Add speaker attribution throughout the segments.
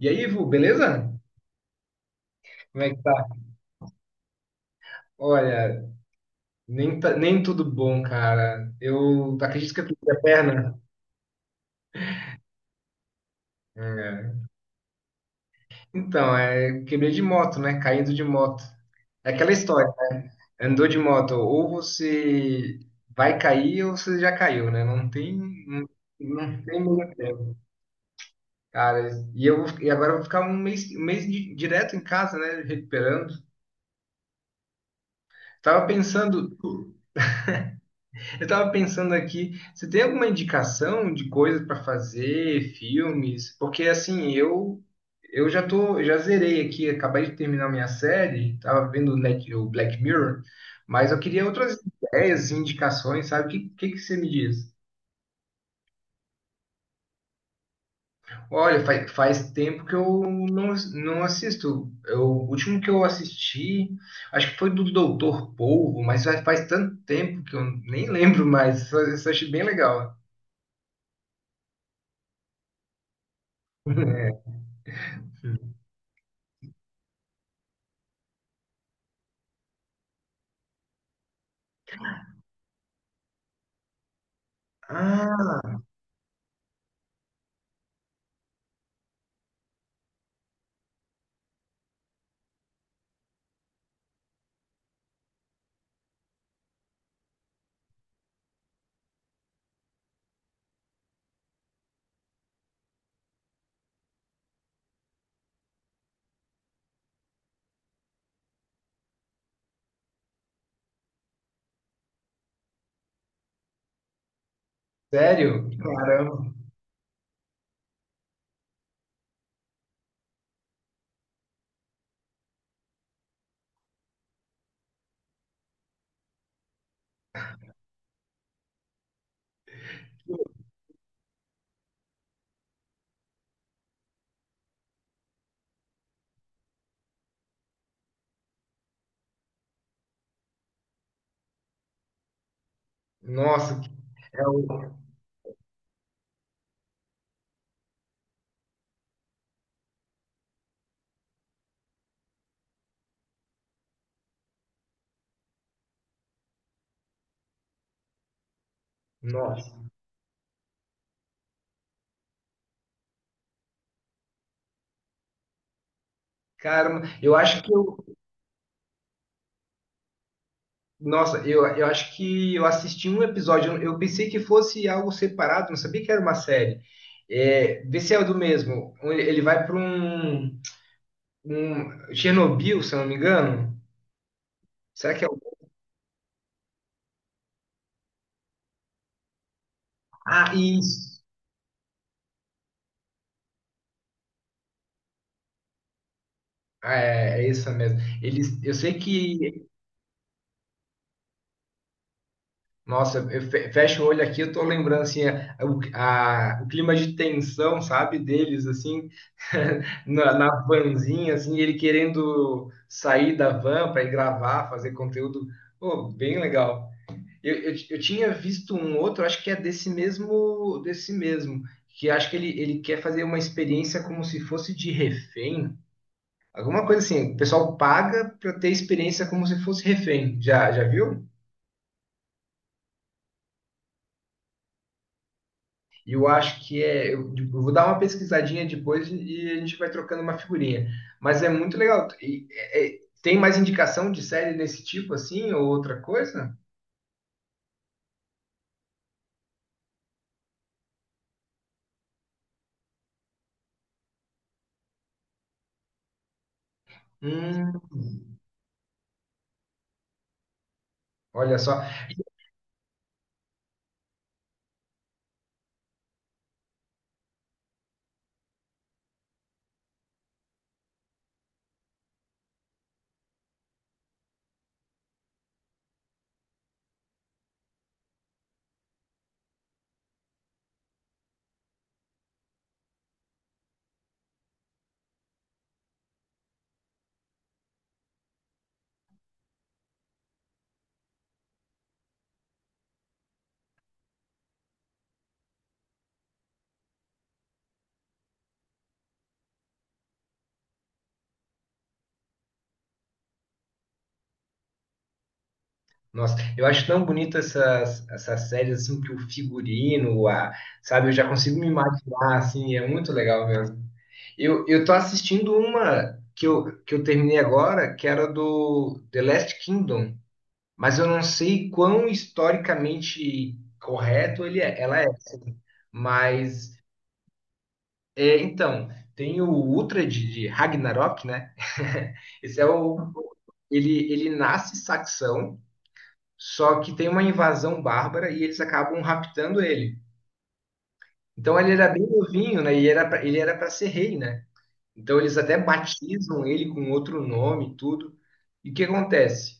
Speaker 1: E aí, Ivo, beleza? Como é que tá? Olha, nem tudo bom, cara. Eu acredito que eu quebrei a perna. É. Então, é, quebrei de moto, né? Caindo de moto. É aquela história. Andou de moto, ou você vai cair ou você já caiu, né? Não, não tem meio tempo. Cara, e agora eu vou ficar um mês direto em casa, né? Recuperando. Tava pensando. Eu estava pensando aqui, você tem alguma indicação de coisas para fazer, filmes? Porque assim, eu já tô, já zerei aqui, acabei de terminar minha série, tava vendo o o Black Mirror, mas eu queria outras ideias, indicações, sabe? O que, que você me diz? Olha, faz tempo que eu não, não assisto. Eu, o último que eu assisti, acho que foi do Doutor Polvo, mas faz tanto tempo que eu nem lembro mais. Isso eu achei bem legal. Ah. Sério? Caramba. Nossa, que- é o. Nossa. Caramba, eu acho que eu. Nossa, eu acho que eu assisti um episódio. Eu pensei que fosse algo separado, não sabia que era uma série. É, vê se é o do mesmo. Ele vai para um, um. Chernobyl, se eu não me engano. Será que é o. Ah, isso. Ah, é, é isso mesmo. Eles, eu sei que. Nossa, eu fecho o olho aqui, eu tô lembrando assim, o clima de tensão, sabe, deles assim, na vanzinha, assim, ele querendo sair da van para ir gravar, fazer conteúdo, pô, bem legal. Eu tinha visto um outro, acho que é desse mesmo, que acho que ele quer fazer uma experiência como se fosse de refém, alguma coisa assim. O pessoal paga para ter experiência como se fosse refém. Já, já viu? E eu acho que é. Eu vou dar uma pesquisadinha depois e a gente vai trocando uma figurinha. Mas é muito legal. E, tem mais indicação de série desse tipo assim, ou outra coisa? Hum, olha só. Nossa, eu acho tão bonita essas séries assim, que o figurino, a, sabe, eu já consigo me imaginar, assim, é muito legal mesmo. Eu tô assistindo uma que eu terminei agora, que era do The Last Kingdom. Mas eu não sei quão historicamente correto ela é, assim. Mas, é, então, tem o Ultra de Ragnarok, né? Esse é o... Ele nasce saxão, só que tem uma invasão bárbara e eles acabam raptando ele. Então ele era bem novinho, né? E era pra, ele era para ser rei, né? Então eles até batizam ele com outro nome e tudo. E o que acontece?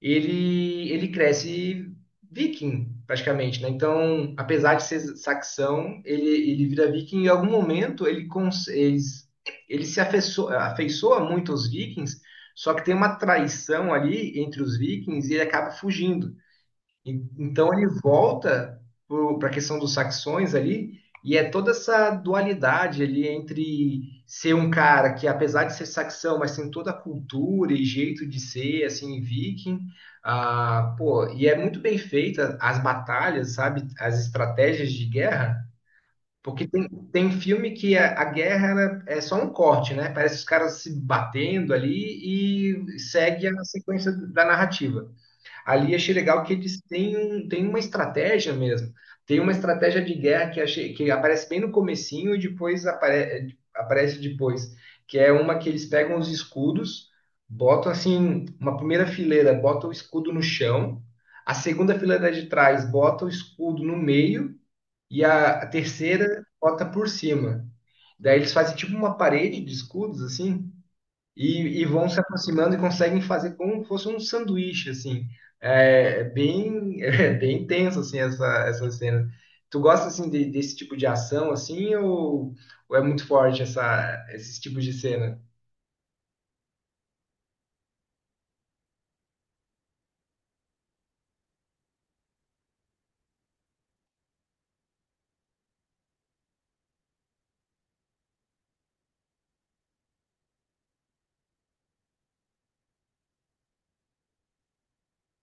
Speaker 1: Ele cresce viking, praticamente, né? Então, apesar de ser saxão, ele vira viking e em algum momento ele se afeiço- afeiçoa muito aos vikings, só que tem uma traição ali entre os vikings e ele acaba fugindo. Então ele volta para a questão dos saxões ali, e é toda essa dualidade ali entre ser um cara que, apesar de ser saxão, mas tem toda a cultura e jeito de ser, assim, viking. Ah, pô, e é muito bem feita as batalhas, sabe? As estratégias de guerra. Porque tem, tem filme que a guerra ela é só um corte, né? Parece os caras se batendo ali e segue a sequência da narrativa. Ali achei legal que eles têm, um, têm uma estratégia mesmo. Tem uma estratégia de guerra que, achei, que aparece bem no comecinho e depois aparece depois, que é uma que eles pegam os escudos, botam assim, uma primeira fileira, botam o escudo no chão, a segunda fileira de trás bota o escudo no meio e a terceira bota por cima. Daí eles fazem tipo uma parede de escudos assim, e vão se aproximando e conseguem fazer como fosse um sanduíche, assim. É bem, é bem tenso, assim, essa cena. Tu gosta, assim, desse tipo de ação, assim, ou é muito forte esses tipos de cena?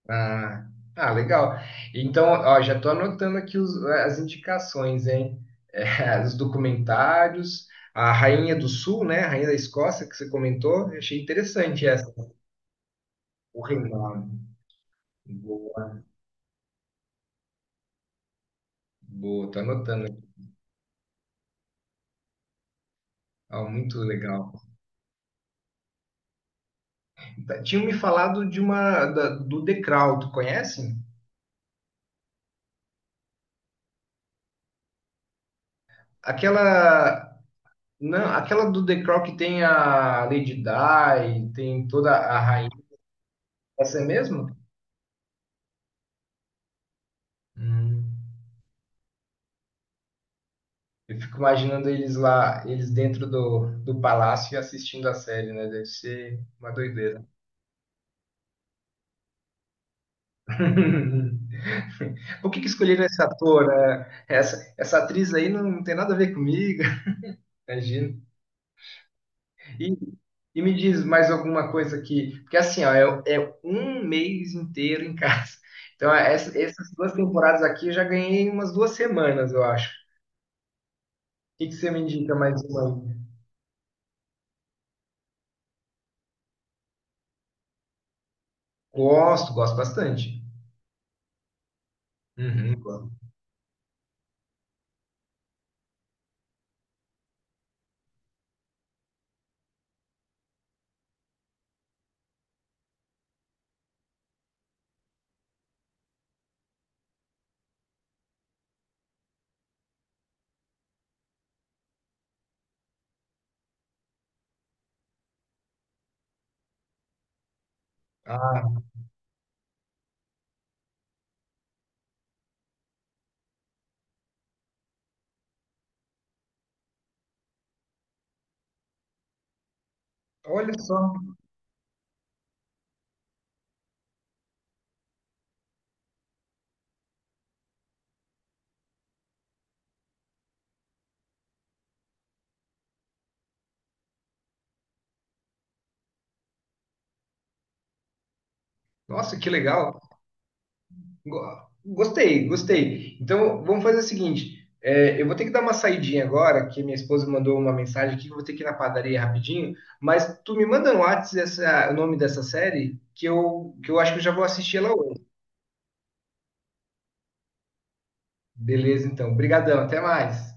Speaker 1: Ah, ah, legal. Então, ó, já tô anotando aqui as indicações, hein? É, os documentários, a Rainha do Sul, né? A Rainha da Escócia, que você comentou, eu achei interessante essa. O reinado. Boa, boa, tô anotando. Ah, muito legal. Tá. Tinham me falado de uma do The Crown, tu conhece? Aquela não, aquela do The Crown que tem a Lady Di, tem toda a rainha. Essa é mesmo? Hum. Eu fico imaginando eles lá, eles dentro do, do palácio e assistindo a série, né? Deve ser uma doideira. Por que que escolheram esse ator? Né? Essa atriz aí não tem nada a ver comigo. Imagina. E, e me diz mais alguma coisa aqui, porque assim, ó, é, é um mês inteiro em casa. Então, essas duas temporadas aqui eu já ganhei umas duas semanas, eu acho. O que que você me indica mais uma aí? Gosto, gosto bastante. Uhum, gosto. Ah, olha só. Nossa, que legal. Go- Gostei, gostei. Então, vamos fazer o seguinte: é, eu vou ter que dar uma saidinha agora, que minha esposa mandou uma mensagem aqui, que eu vou ter que ir na padaria rapidinho, mas tu me manda no Whats o nome dessa série, que que eu acho que eu já vou assistir ela hoje. Beleza, então. Obrigadão, até mais.